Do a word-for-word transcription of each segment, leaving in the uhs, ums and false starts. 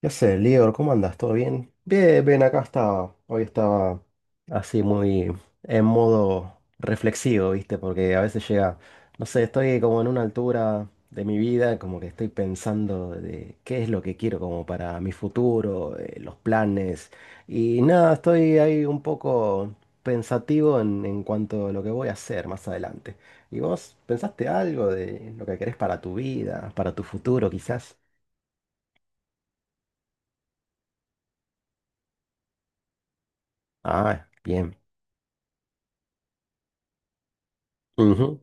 ¿Qué haces, Lior? ¿Cómo andas? ¿Todo bien? Bien, bien, acá estaba. Hoy estaba así muy en modo reflexivo, ¿viste? Porque a veces llega, no sé, estoy como en una altura de mi vida, como que estoy pensando de qué es lo que quiero como para mi futuro, eh, los planes. Y nada, estoy ahí un poco pensativo en, en cuanto a lo que voy a hacer más adelante. ¿Y vos pensaste algo de lo que querés para tu vida, para tu futuro quizás? Ah, bien. Ujú.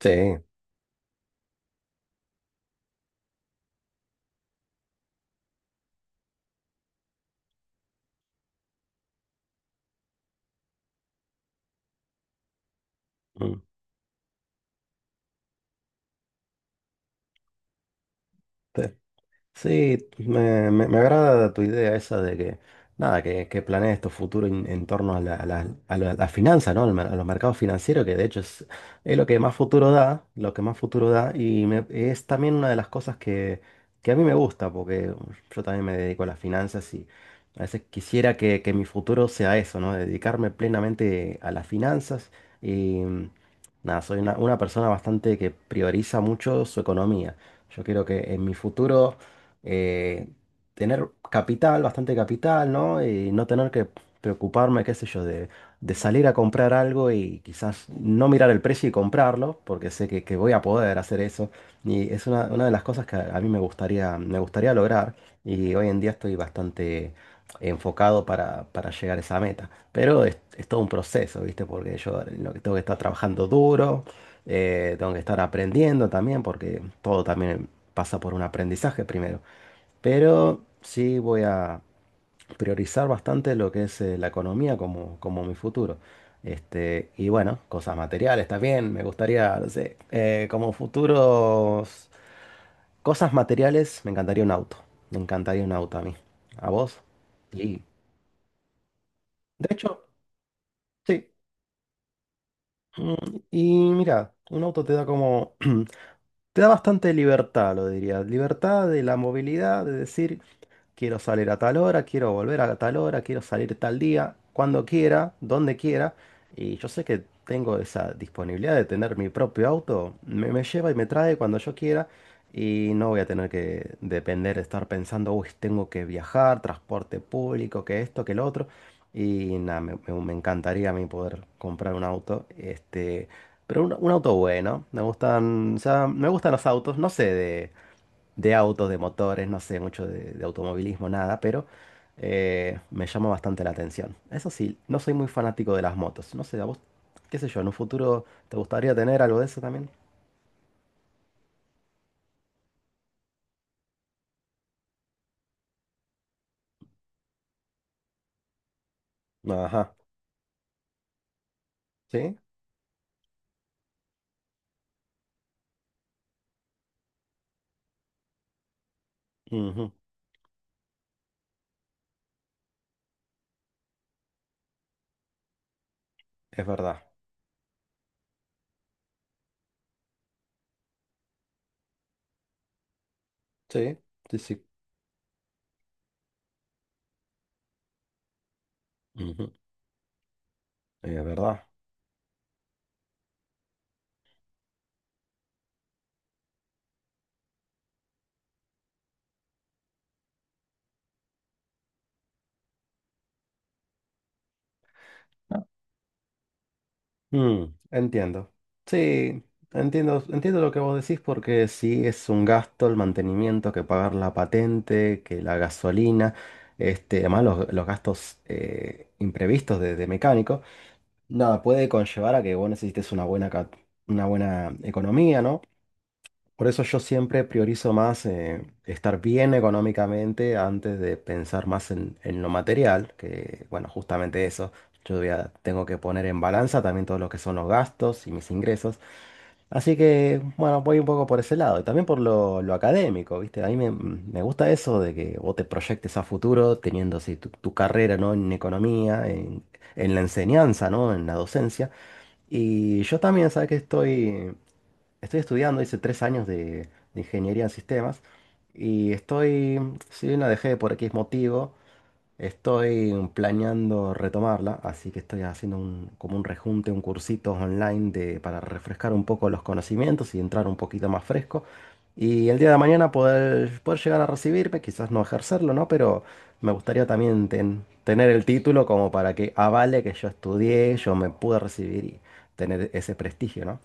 Sí, mm, sí. Sí, me, me- me agrada tu idea esa de que, nada, que, que planees tu futuro en, en torno a la, a la, a la- a la finanza, ¿no? Al mer- A los mercados financieros, que de hecho es, es lo que más futuro da, lo que más futuro da, y me- es también una de las cosas que, que a mí me gusta, porque yo también me dedico a las finanzas y a veces quisiera que, que mi futuro sea eso, ¿no? Dedicarme plenamente a las finanzas y, nada, soy una, una persona bastante que prioriza mucho su economía. Yo quiero que en mi futuro eh, tener capital, bastante capital, ¿no? Y no tener que preocuparme, qué sé yo, de, de salir a comprar algo y quizás no mirar el precio y comprarlo, porque sé que, que voy a poder hacer eso. Y es una, una de las cosas que a a mí me gustaría, me gustaría lograr. Y hoy en día estoy bastante enfocado para, para llegar a esa meta. Pero es, es todo un proceso, ¿viste? Porque yo lo que tengo que estar trabajando duro, eh, tengo que estar aprendiendo también, porque todo también pasa por un aprendizaje primero. Pero sí voy a priorizar bastante lo que es eh, la economía como, como mi futuro. Este, y bueno, cosas materiales también. Me gustaría, no sé, eh, como futuros cosas materiales, me encantaría un auto. Me encantaría un auto a mí. ¿A vos? Y de hecho, sí. Mm, Y mira, un auto te da como, te da bastante libertad, lo diría. Libertad de la movilidad, de decir. Quiero salir a tal hora, quiero volver a tal hora, quiero salir tal día, cuando quiera, donde quiera. Y yo sé que tengo esa disponibilidad de tener mi propio auto. Me, me lleva y me trae cuando yo quiera. Y no voy a tener que depender de estar pensando, uy, tengo que viajar, transporte público, que esto, que lo otro. Y nada, me, me- me encantaría a mí poder comprar un auto. Este, pero un, un auto bueno. Me gustan, o sea, me gustan los autos. No sé de de autos, de motores, no sé mucho de, de automovilismo, nada, pero eh, me llama bastante la atención. Eso sí, no soy muy fanático de las motos. No sé, a vos, qué sé yo, en un futuro te gustaría tener algo de eso también. Ajá, sí, ujú. Es verdad. Sí, sí, sí, ujú. Es verdad. Mm, entiendo. Sí, entiendo, entiendo lo que vos decís porque sí es un gasto el mantenimiento, que pagar la patente, que la gasolina, este, además los, los gastos eh, imprevistos de, de mecánico. Nada, puede conllevar a que vos necesites una buena, ca- una buena economía, ¿no? Por eso yo siempre priorizo más, eh, estar bien económicamente antes de pensar más en, en lo material, que bueno, justamente eso, yo voy a- tengo que poner en balanza también todo lo que son los gastos y mis ingresos. Así que bueno, voy un poco por ese lado y también por lo, lo académico, ¿viste? A mí me, me gusta eso de que vos te proyectes a futuro teniendo así tu, tu carrera, ¿no? En economía, en, en la enseñanza, ¿no? En la docencia. Y yo también, ¿sabes que estoy? Estoy estudiando, hice tres años de, de ingeniería en sistemas y estoy, si bien la dejé por X motivo, estoy planeando retomarla, así que estoy haciendo un, como un rejunte, un cursito online de, para refrescar un poco los conocimientos y entrar un poquito más fresco. Y el día de mañana poder, poder llegar a recibirme, quizás no ejercerlo, ¿no? Pero me gustaría también ten- tener el título como para que avale que yo estudié, yo me pude recibir y tener ese prestigio, ¿no?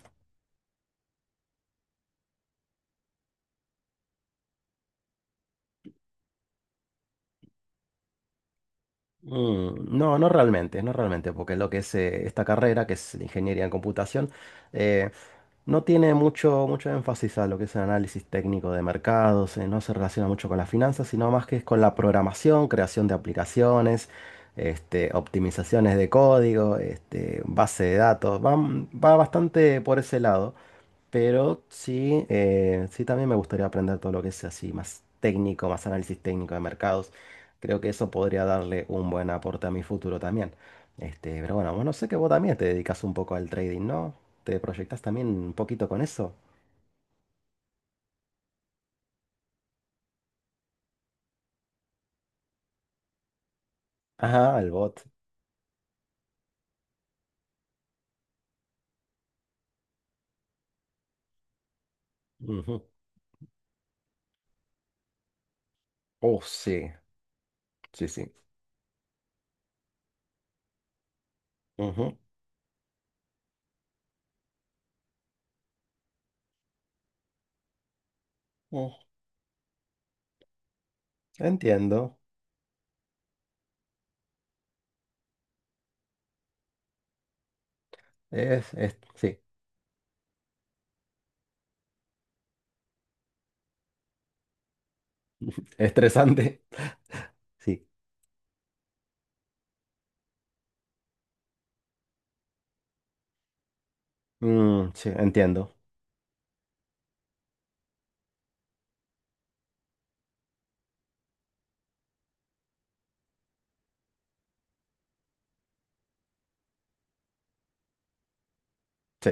Mm, no, no realmente, no realmente, porque lo que es, eh, esta carrera, que es la ingeniería en computación, eh, no tiene mucho, mucho énfasis a lo que es el análisis técnico de mercados, eh, no se relaciona mucho con las finanzas, sino más que es con la programación, creación de aplicaciones, este, optimizaciones de código, este, base de datos, va, va bastante por ese lado. Pero sí, eh, sí también me gustaría aprender todo lo que es así, más técnico, más análisis técnico de mercados. Creo que eso podría darle un buen aporte a mi futuro también. Este, pero bueno, bueno, sé que vos también te dedicas un poco al trading, ¿no? ¿Te proyectas también un poquito con eso? Ajá, el bot. Ujú. Oh, sí, sí, sí. Ujú. Mm, entiendo. Es, es, sí, estresante. Sí, mm, sí, entiendo. Sí.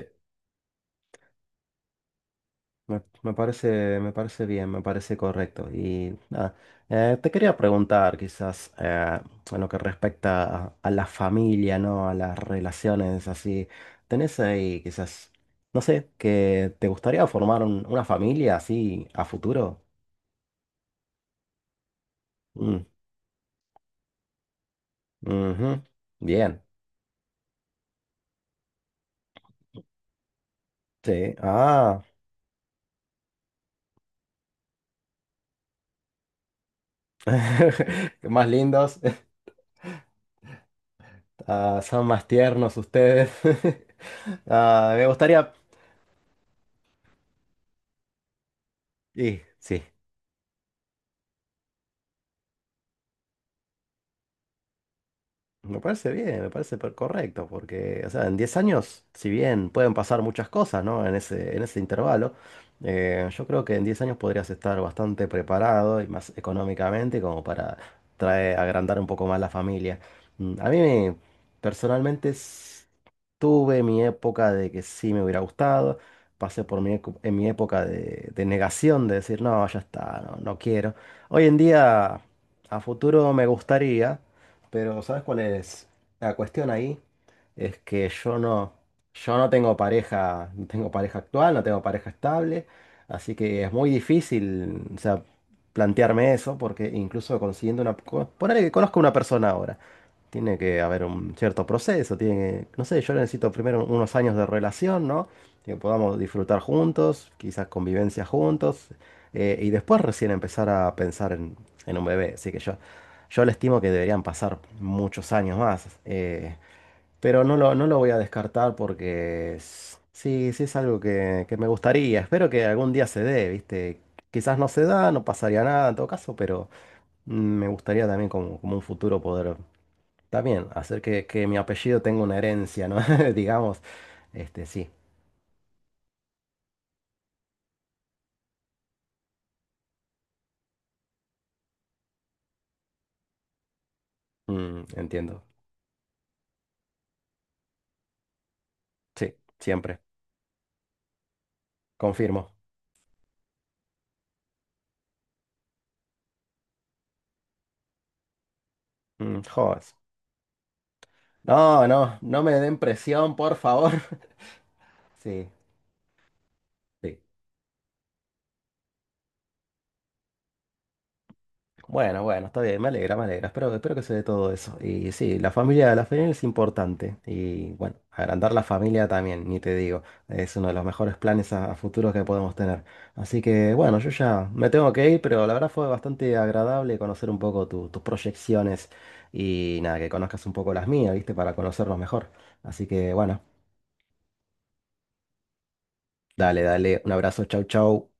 Me, me parece, me parece bien, me parece correcto. Y nada, eh, te quería preguntar quizás, eh, en lo que respecta a, a la familia, ¿no? A las relaciones así. ¿Tenés ahí quizás, no sé, que te gustaría formar un- una familia así a futuro? Mm, ujú. Bien, sí. Ah, más lindos, ah, son más tiernos ustedes. Ah, me gustaría... Sí, sí. Me parece bien, me parece per- correcto, porque, o sea, en diez años, si bien pueden pasar muchas cosas, ¿no? En ese, en ese intervalo, eh, yo creo que en diez años podrías estar bastante preparado y más económicamente como para traer, agrandar un poco más la familia. Mm, A mí, me- personalmente, s- tuve mi época de que sí me hubiera gustado, pasé por mi, eco- en mi época de, de negación, de decir, no, ya está, no, no quiero. Hoy en día, a futuro me gustaría. Pero ¿sabes cuál es la cuestión ahí? Es que yo no, yo no tengo pareja, no tengo pareja actual, no tengo pareja estable, así que es muy difícil, o sea, plantearme eso, porque incluso consiguiendo una, co- ponele que conozco a una persona ahora, tiene que haber un cierto proceso, tiene que, no sé, yo necesito primero unos años de relación, ¿no? Que podamos disfrutar juntos, quizás convivencia juntos, eh, y después recién empezar a pensar en, en un bebé, así que yo yo le estimo que deberían pasar muchos años más, eh, pero no lo, no lo voy a descartar porque es- sí, sí es algo que, que me gustaría. Espero que algún día se dé, ¿viste? Quizás no se da, no pasaría nada en todo caso, pero mm, me gustaría también como, como un futuro poder también hacer que, que mi apellido tenga una herencia, ¿no? Digamos, este, sí. Mm, entiendo. Sí, siempre, confirmo. Mm, jodas. No, no, no me den presión, por favor. Sí. Sí. Bueno, bueno, está bien, me alegra, me alegra. Espero, espero que se dé todo eso. Y sí, la familia, la familia es importante. Y bueno, agrandar la familia también, ni te digo. Es uno de los mejores planes a, a futuro que podemos tener. Así que bueno, yo ya me tengo que ir, pero la verdad fue bastante agradable conocer un poco tu- tus proyecciones y nada, que conozcas un poco las mías, ¿viste? Para conocernos mejor. Así que bueno, dale, dale, un abrazo, chau, chau.